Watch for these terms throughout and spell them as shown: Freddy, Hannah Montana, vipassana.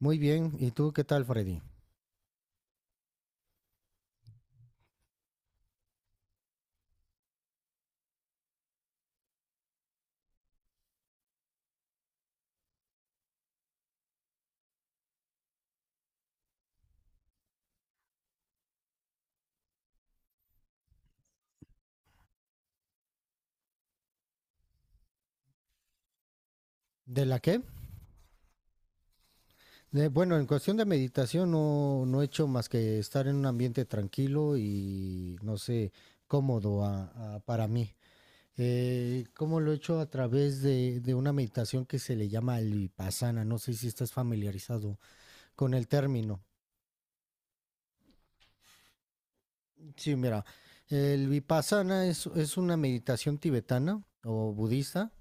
Muy bien, ¿y tú qué tal, Freddy? ¿De la qué? Bueno, en cuestión de meditación no he hecho más que estar en un ambiente tranquilo y, no sé, cómodo para mí. ¿Cómo lo he hecho? A través de una meditación que se le llama el vipassana. No sé si estás familiarizado con el término. Sí, mira, el vipassana es una meditación tibetana o budista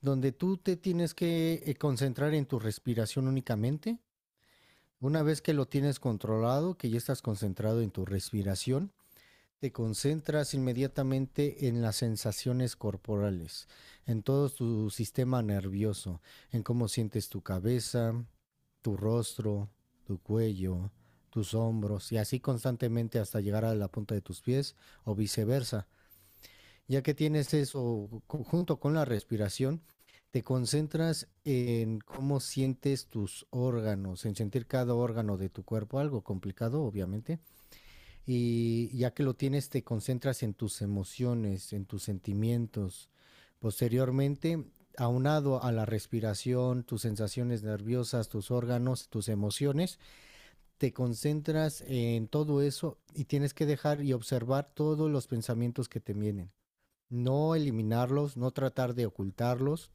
donde tú te tienes que concentrar en tu respiración únicamente. Una vez que lo tienes controlado, que ya estás concentrado en tu respiración, te concentras inmediatamente en las sensaciones corporales, en todo tu sistema nervioso, en cómo sientes tu cabeza, tu rostro, tu cuello, tus hombros y así constantemente hasta llegar a la punta de tus pies o viceversa. Ya que tienes eso junto con la respiración, te concentras en cómo sientes tus órganos, en sentir cada órgano de tu cuerpo, algo complicado, obviamente. Y ya que lo tienes, te concentras en tus emociones, en tus sentimientos. Posteriormente, aunado a la respiración, tus sensaciones nerviosas, tus órganos, tus emociones, te concentras en todo eso y tienes que dejar y observar todos los pensamientos que te vienen, no eliminarlos, no tratar de ocultarlos,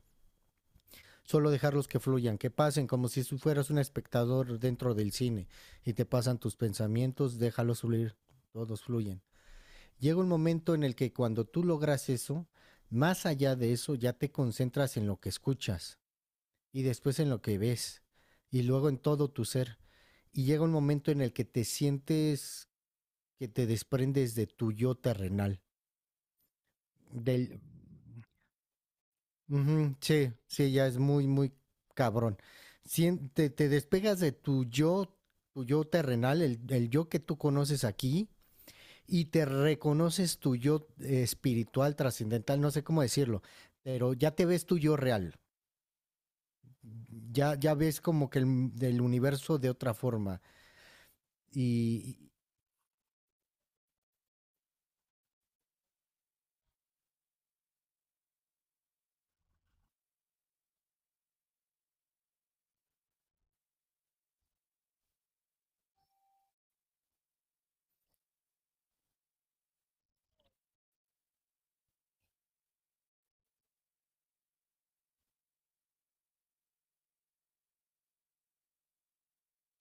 solo dejarlos que fluyan, que pasen, como si fueras un espectador dentro del cine y te pasan tus pensamientos, déjalos fluir, todos fluyen. Llega un momento en el que cuando tú logras eso, más allá de eso ya te concentras en lo que escuchas y después en lo que ves y luego en todo tu ser. Y llega un momento en el que te sientes que te desprendes de tu yo terrenal, del... Ujú, sí, sí, ya es muy, muy cabrón. Te, te despegas de tu yo terrenal, el yo que tú conoces aquí, y te reconoces tu yo espiritual, trascendental, no sé cómo decirlo, pero ya te ves tu yo real. Ya, ya ves como que el, del universo de otra forma. Y, y-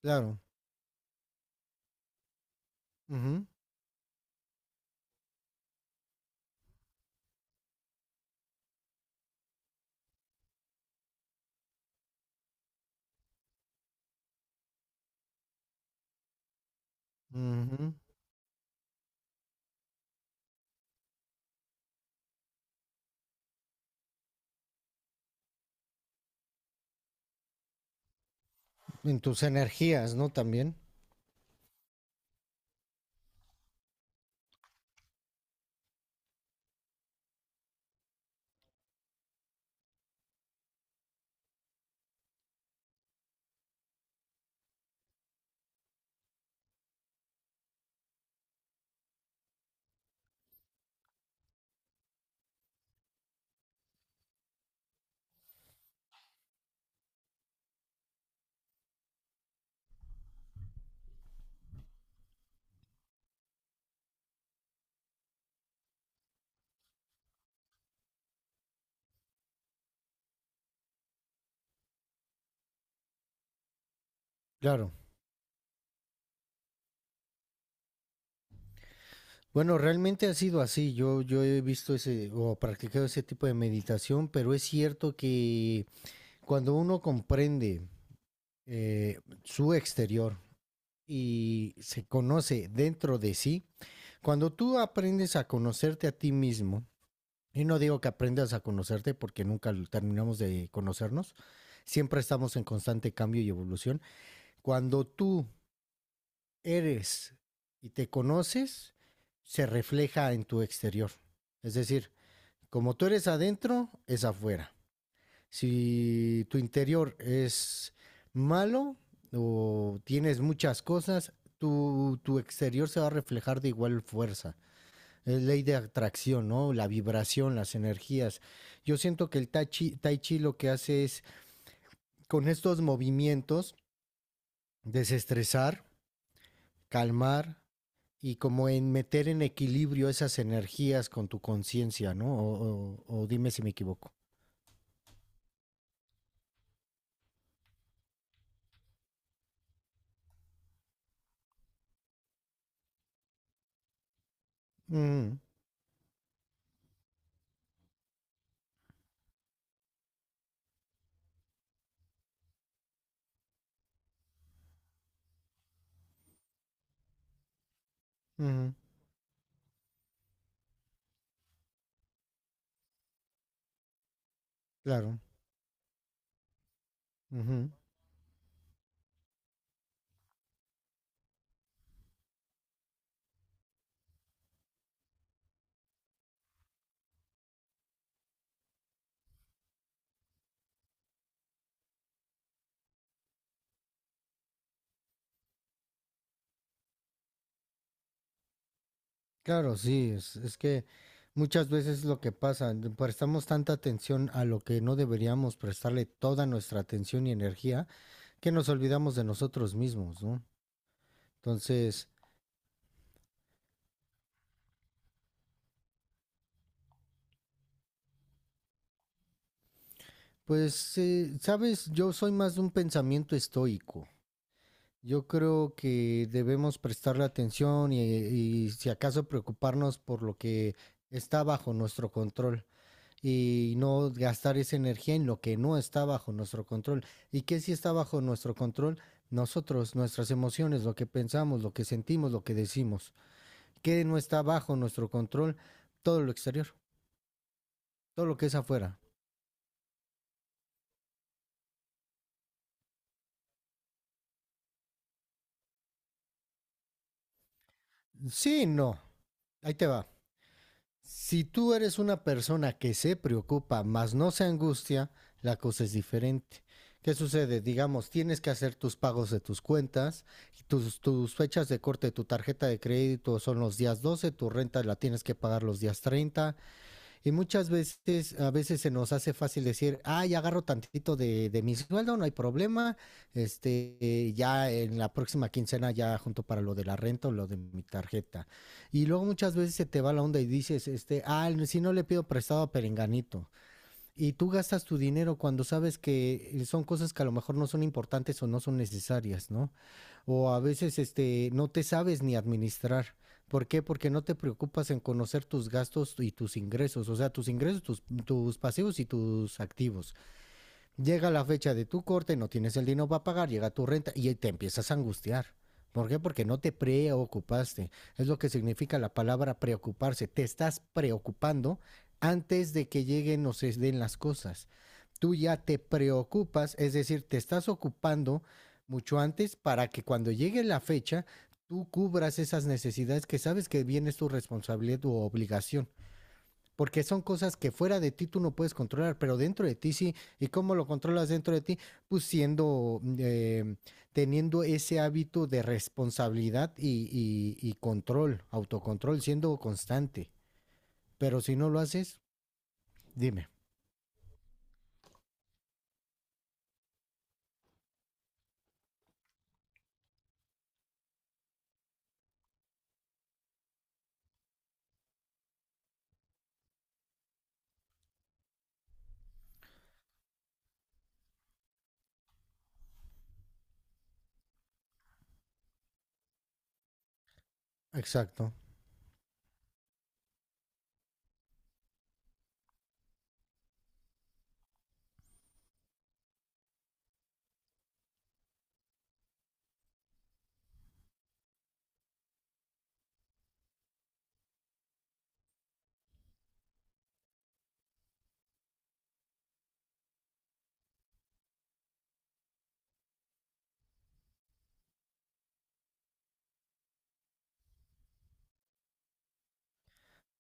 claro, ujú, ujú. ¿En tus energías, no? También, claro. Bueno, realmente ha sido así. Yo he visto ese o practicado ese tipo de meditación, pero es cierto que cuando uno comprende su exterior y se conoce dentro de sí, cuando tú aprendes a conocerte a ti mismo, y no digo que aprendas a conocerte porque nunca lo- terminamos de conocernos, siempre estamos en constante cambio y evolución. Cuando tú eres y te conoces, se refleja en tu exterior. Es decir, como tú eres adentro, es afuera. Si tu interior es malo o tienes muchas cosas, tu exterior se va a reflejar de igual fuerza. Es ley de atracción, ¿no? La vibración, las energías. Yo siento que el tai chi lo que hace es, con estos movimientos, desestresar, calmar, y como en meter en equilibrio esas energías con tu conciencia, ¿no? Dime si me equivoco. Mm, mm. Claro, ujú. Claro, sí, es que muchas veces lo que pasa, le prestamos tanta atención a lo que no deberíamos prestarle toda nuestra atención y energía, que nos olvidamos de nosotros mismos, ¿no? Entonces, pues, sabes, yo soy más de un pensamiento estoico. Yo creo que debemos prestarle atención y si acaso preocuparnos por lo que está bajo nuestro control, y no gastar esa energía en lo que no está bajo nuestro control. ¿Y que sí está bajo nuestro control? Nosotros, nuestras emociones, lo que pensamos, lo que sentimos, lo que decimos. ¿Qué no está bajo nuestro control? Todo lo exterior, todo lo que es afuera. Sí, no. Ahí te va. Si tú eres una persona que se preocupa, mas no se angustia, la cosa es diferente. ¿Qué sucede? Digamos, tienes que hacer tus pagos de tus cuentas, tus fechas de corte de tu tarjeta de crédito son los días 12, tu renta la tienes que pagar los días 30, y muchas veces, a veces se nos hace fácil decir, ah, ya agarro tantito de mi sueldo, no hay problema. Ya en la próxima quincena ya junto para lo de la renta o lo de mi tarjeta. Y luego muchas veces se te va la onda y dices, este, ah, si no le pido prestado a Perenganito. Y tú gastas tu dinero cuando sabes que son cosas que a lo mejor no son importantes o no son necesarias, ¿no? O a veces este, no te sabes ni administrar. ¿Por qué? Porque no te preocupas en conocer tus gastos y tus ingresos, o sea, tus ingresos, tus pasivos y tus activos. Llega la fecha de tu corte, no tienes el dinero para pagar, llega tu renta y te empiezas a angustiar. ¿Por qué? Porque no te preocupaste. Es lo que significa la palabra preocuparse. Te estás preocupando antes de que lleguen o se den las cosas. Tú ya te preocupas, es decir, te estás ocupando mucho antes para que cuando llegue la fecha tú cubras esas necesidades que sabes que bien es tu responsabilidad, tu obligación. Porque son cosas que fuera de ti tú no puedes controlar, pero dentro de ti sí. ¿Y cómo lo controlas dentro de ti? Pues siendo, teniendo ese hábito de responsabilidad y control, autocontrol, siendo constante. Pero si no lo haces, dime. Exacto.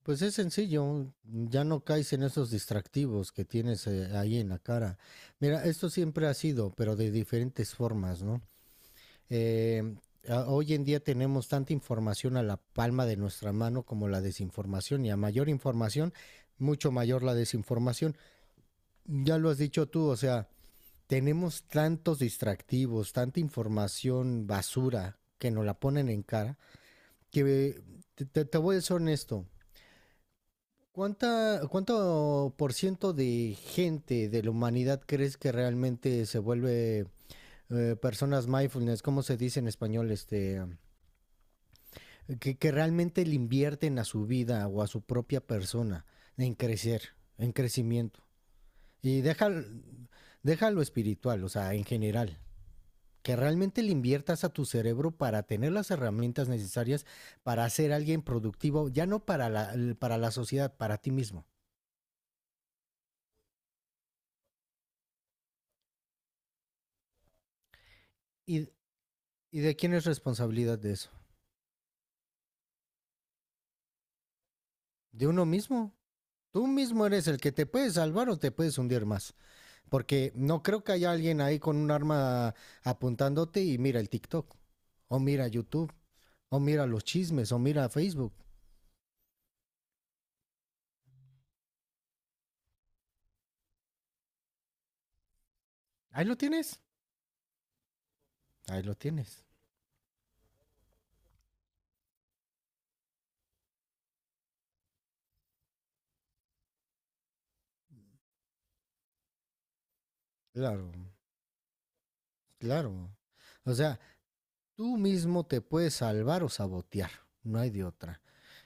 Pues es sencillo, ya no caes en esos distractivos que tienes ahí en la cara. Mira, esto siempre ha sido, pero de diferentes formas, ¿no? Eh, hoy en día tenemos tanta información a la palma de nuestra mano como la desinformación y a mayor información, mucho mayor la desinformación. Ya lo has dicho tú, o sea, tenemos tantos distractivos, tanta información basura que nos la ponen en cara, que te voy a ser honesto. ¿Cuánto por ciento de gente de la humanidad crees que realmente se vuelve personas mindfulness? ¿Cómo se dice en español? Que realmente le invierten a su vida o a su propia persona en crecer, en crecimiento. Y deja, deja lo espiritual, o sea, en general. Que realmente le inviertas a tu cerebro para tener las herramientas necesarias para ser alguien productivo, ya no para para la sociedad, para ti mismo. ¿Y, ¿Y de quién es responsabilidad de eso? De uno mismo. Tú mismo eres el que te puede salvar o te puedes hundir más. Porque no creo que haya alguien ahí con un arma apuntándote y mira el TikTok, o mira YouTube, o mira los chismes, o mira Facebook. Ahí lo tienes, ahí lo tienes. Claro, claro. O sea, tú mismo te puedes salvar o sabotear, no hay de otra.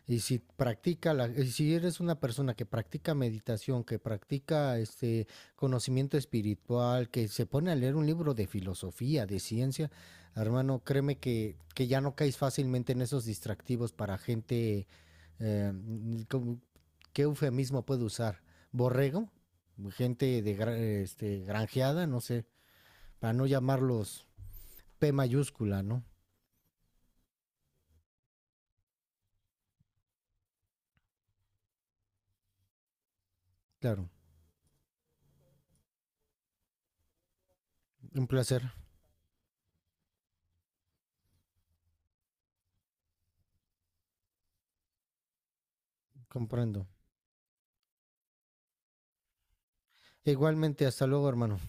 Y si eres una persona que practica meditación, que practica este conocimiento espiritual, que se pone a leer un libro de filosofía, de ciencia, hermano, créeme que ya no caes fácilmente en esos distractivos para gente eh, ¿cómo... qué eufemismo puedo usar? ¿Borrego? Gente de granjeada, no sé, para no llamarlos P mayúscula, ¿no? Claro. Un placer, comprendo. Igualmente, hasta luego, hermano.